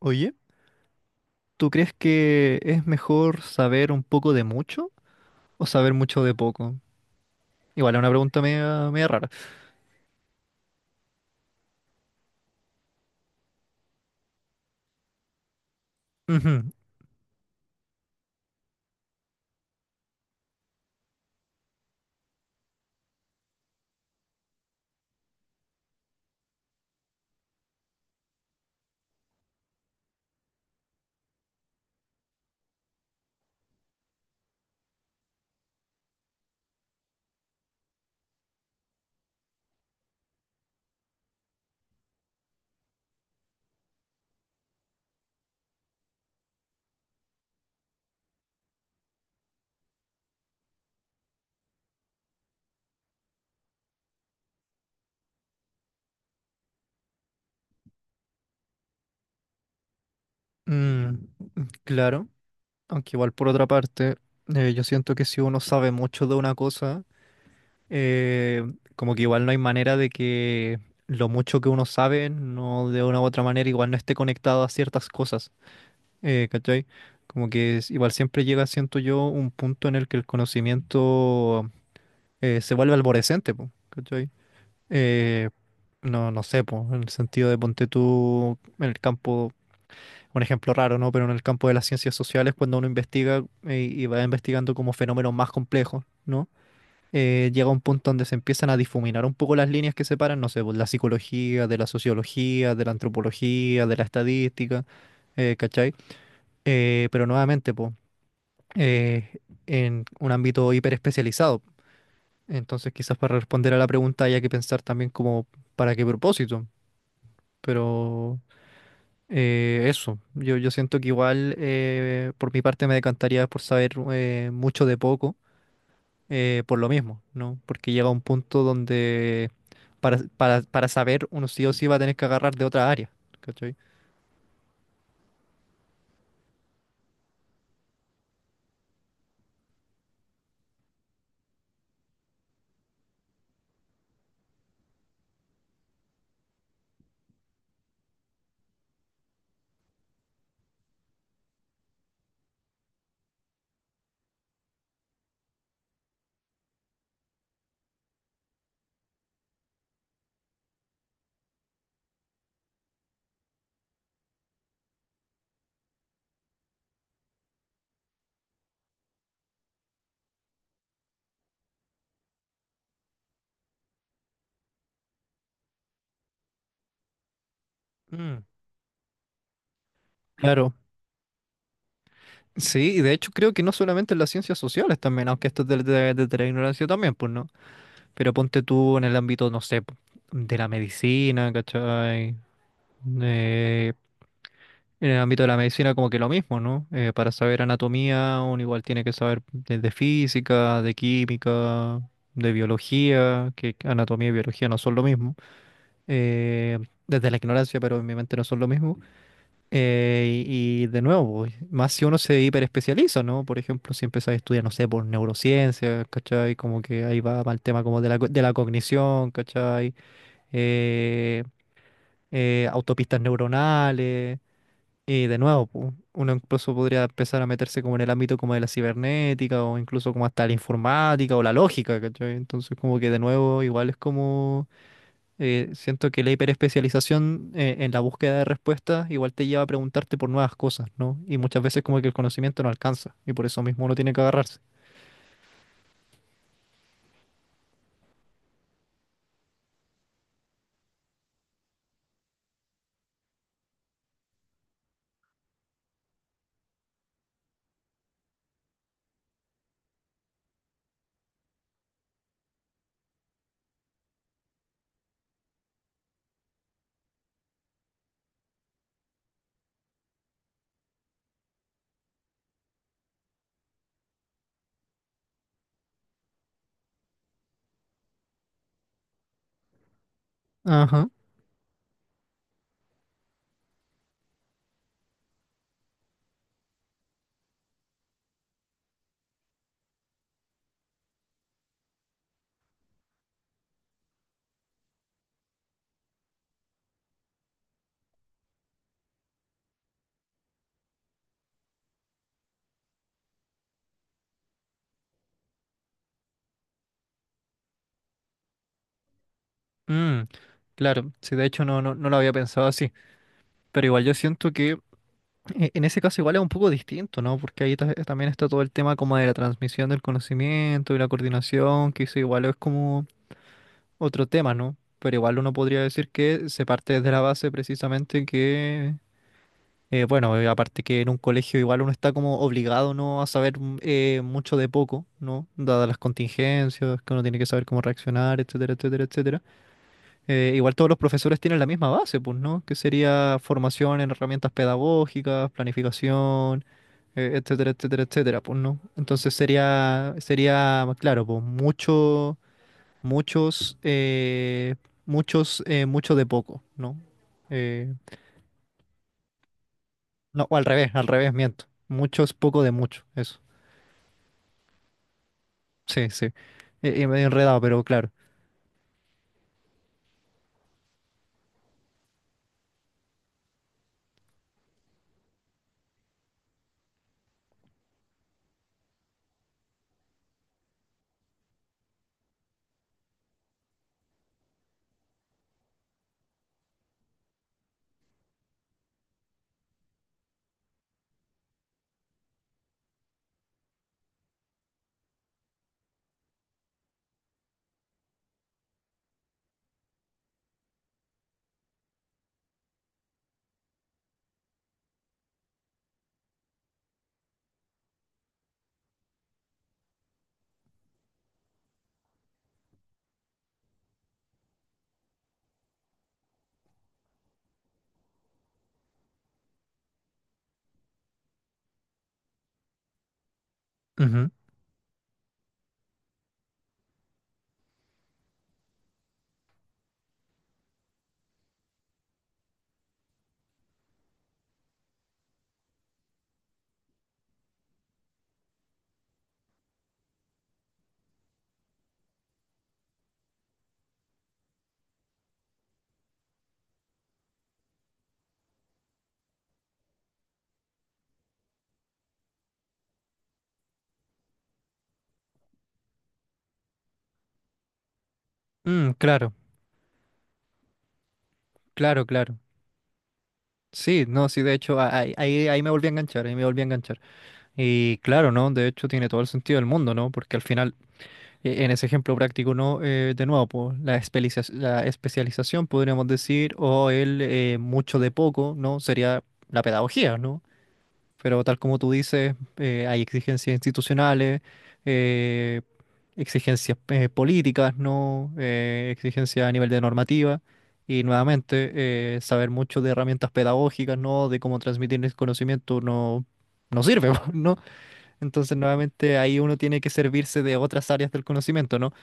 Oye, ¿tú crees que es mejor saber un poco de mucho o saber mucho de poco? Igual es una pregunta media rara. Ujú. mm, claro, aunque igual por otra parte, yo siento que si uno sabe mucho de una cosa, eh, como que igual no hay manera de que lo mucho que uno sabe, no de una u otra manera, igual no esté conectado a ciertas cosas, ¿cachai? Como que igual siempre llega, siento yo, un punto en el que el conocimiento se vuelve alborescente, po, ¿cachai? Eh, no sé, po, en el sentido de ponte tú en el campo, un ejemplo raro, ¿no? Pero en el campo de las ciencias sociales, cuando uno investiga y va investigando como fenómenos más complejos, ¿no? Llega un punto donde se empiezan a difuminar un poco las líneas que separan, no sé, pues, la psicología, de la sociología, de la antropología, de la estadística, ¿cachai? Pero nuevamente, pues, en un ámbito hiperespecializado. Entonces, quizás para responder a la pregunta haya que pensar también como para qué propósito. Pero eso, yo siento que igual por mi parte me decantaría por saber mucho de poco, por lo mismo, ¿no? Porque llega un punto donde para saber uno sí o sí va a tener que agarrar de otra área, ¿cachai? Mm. Claro, sí, y de hecho creo que no solamente en las ciencias sociales también, aunque esto es de la ignorancia también, pues no, pero ponte tú en el ámbito, no sé, po, de la medicina, ¿cachai? Eh, En el ámbito de la medicina como que lo mismo, ¿no? Para saber anatomía, uno igual tiene que saber de física, de química, de biología, que anatomía y biología no son lo mismo. Eh, desde la ignorancia, pero obviamente no son lo mismo. Y de nuevo, pues, más si uno se hiperespecializa, ¿no? Por ejemplo, si empiezas a estudiar, no sé, por neurociencia, ¿cachai? Como que ahí va el tema como de la, de la cognición, ¿cachai? Eh, autopistas neuronales, y de nuevo, pu, uno incluso podría empezar a meterse como en el ámbito como de la cibernética o incluso como hasta la informática o la lógica, ¿cachai? Entonces como que de nuevo igual es como, siento que la hiperespecialización en la búsqueda de respuestas igual te lleva a preguntarte por nuevas cosas, ¿no? Y muchas veces como que el conocimiento no alcanza y por eso mismo uno tiene que agarrarse. Ajá. Mm, claro, sí, de hecho no lo había pensado así, pero igual yo siento que en ese caso igual es un poco distinto, ¿no? Porque ahí también está todo el tema como de la transmisión del conocimiento y la coordinación, que eso igual es como otro tema, ¿no? Pero igual uno podría decir que se parte desde la base precisamente que, bueno, aparte que en un colegio igual uno está como obligado, ¿no? A saber mucho de poco, ¿no? Dadas las contingencias, que uno tiene que saber cómo reaccionar, etcétera, etcétera, etcétera. Igual todos los profesores tienen la misma base, pues, ¿no? Que sería formación en herramientas pedagógicas, planificación, etcétera, etcétera, etcétera, pues, ¿no? Entonces sería, claro, pues, mucho, muchos, muchos, mucho de poco, ¿no? Eh, no, o al revés, miento. Muchos, poco de mucho, eso. Sí, sí. Medio enredado, pero claro. Ujú. Mm, claro, claro, claro. Sí, no, sí, de hecho, ahí me volví a enganchar, ahí me volví a enganchar. Y claro, ¿no? De hecho, tiene todo el sentido del mundo, ¿no? Porque al final, en ese ejemplo práctico, ¿no? De nuevo, pues, la la especialización, podríamos decir, o el mucho de poco, ¿no? Sería la pedagogía, ¿no? Pero tal como tú dices, hay exigencias institucionales, eh, exigencias políticas, ¿no? Exigencias a nivel de normativa. Y nuevamente, saber mucho de herramientas pedagógicas, ¿no? De cómo transmitir el conocimiento no sirve, ¿no? Entonces, nuevamente, ahí uno tiene que servirse de otras áreas del conocimiento, ¿no?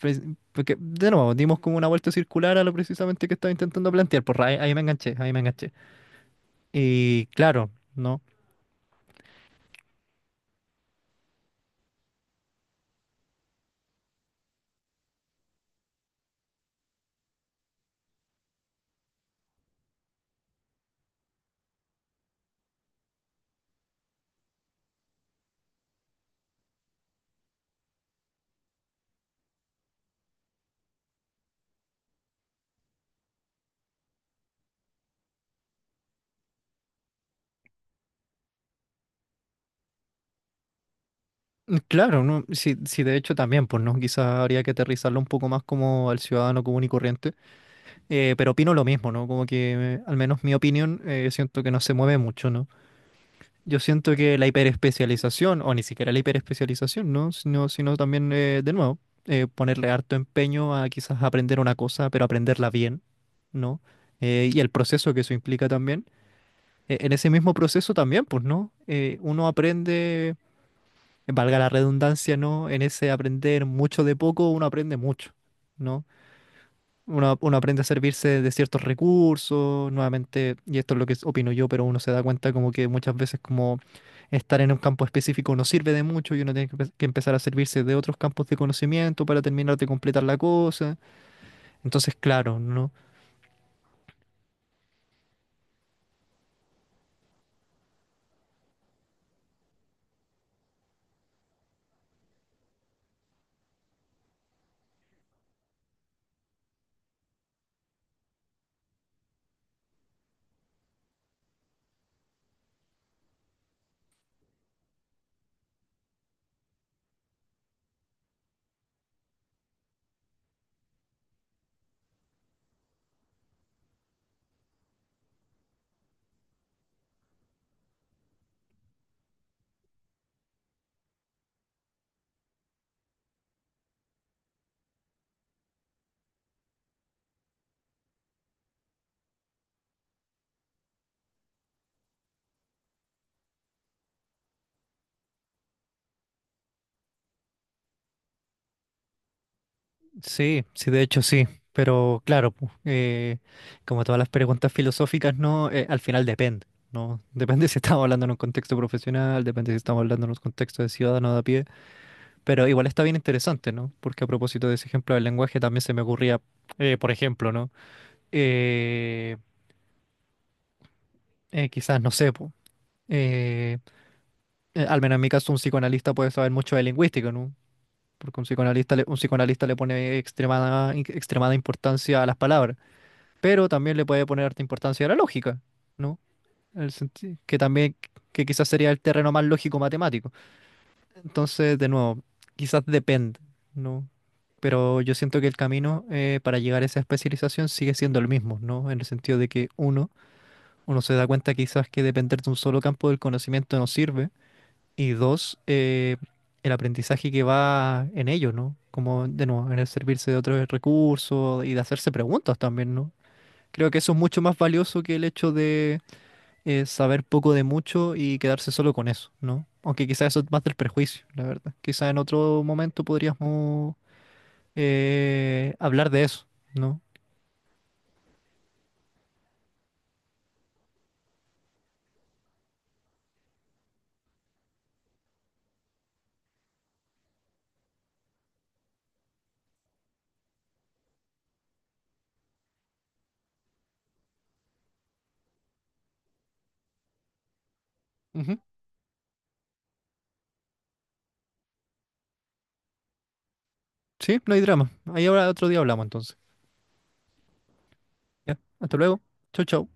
Pues, porque, de nuevo, dimos como una vuelta circular a lo precisamente que estaba intentando plantear. Por ahí, ahí me enganché, ahí me enganché. Y claro, ¿no? Mm. Claro, ¿no? Sí, sí, de hecho también, pues, ¿no? Quizás habría que aterrizarlo un poco más como al ciudadano común y corriente. Pero opino lo mismo, ¿no? Como que, al menos mi opinión, siento que no se mueve mucho, ¿no? Yo siento que la hiperespecialización, o ni siquiera la hiperespecialización, ¿no? Sino también, de nuevo, ponerle harto empeño a quizás aprender una cosa, pero aprenderla bien, ¿no? Y el proceso que eso implica también. En ese mismo proceso también, pues, ¿no? Uno aprende, valga la redundancia, ¿no? En ese aprender mucho de poco, uno aprende mucho, ¿no? Uno aprende a servirse de ciertos recursos, nuevamente, y esto es lo que opino yo, pero uno se da cuenta como que muchas veces como estar en un campo específico no sirve de mucho y uno tiene que empezar a servirse de otros campos de conocimiento para terminar de completar la cosa. Entonces, claro, ¿no? Sí, sí, de hecho sí, pero claro, pu, como todas las preguntas filosóficas, ¿no? Al final depende, ¿no? Depende si estamos hablando en un contexto profesional, depende si estamos hablando en un contexto de ciudadano de a pie. Pero igual está bien interesante, ¿no? Porque a propósito de ese ejemplo del lenguaje también se me ocurría, por ejemplo, ¿no? Eh, quizás, no sé, po, eh, al menos en mi caso un psicoanalista puede saber mucho de lingüística, ¿no? Porque un psicoanalista le pone extremada, extremada importancia a las palabras, pero también le puede poner harta importancia a la lógica, ¿no? Que también, que quizás sería el terreno más lógico matemático. Entonces, de nuevo, quizás depende, ¿no? Pero yo siento que el camino para llegar a esa especialización sigue siendo el mismo, ¿no? En el sentido de que uno se da cuenta quizás que depender de un solo campo del conocimiento no sirve. Y dos, el aprendizaje que va en ello, ¿no? Como, de nuevo, en el servirse de otros recursos y de hacerse preguntas también, ¿no? Creo que eso es mucho más valioso que el hecho de es saber poco de mucho y quedarse solo con eso, ¿no? Aunque quizás eso es más del prejuicio, la verdad. Quizás en otro momento podríamos hablar de eso, ¿no? Ujú. Sí, no hay drama. Ahí ahora otro día hablamos entonces. Ya, hasta luego. Chau, chau.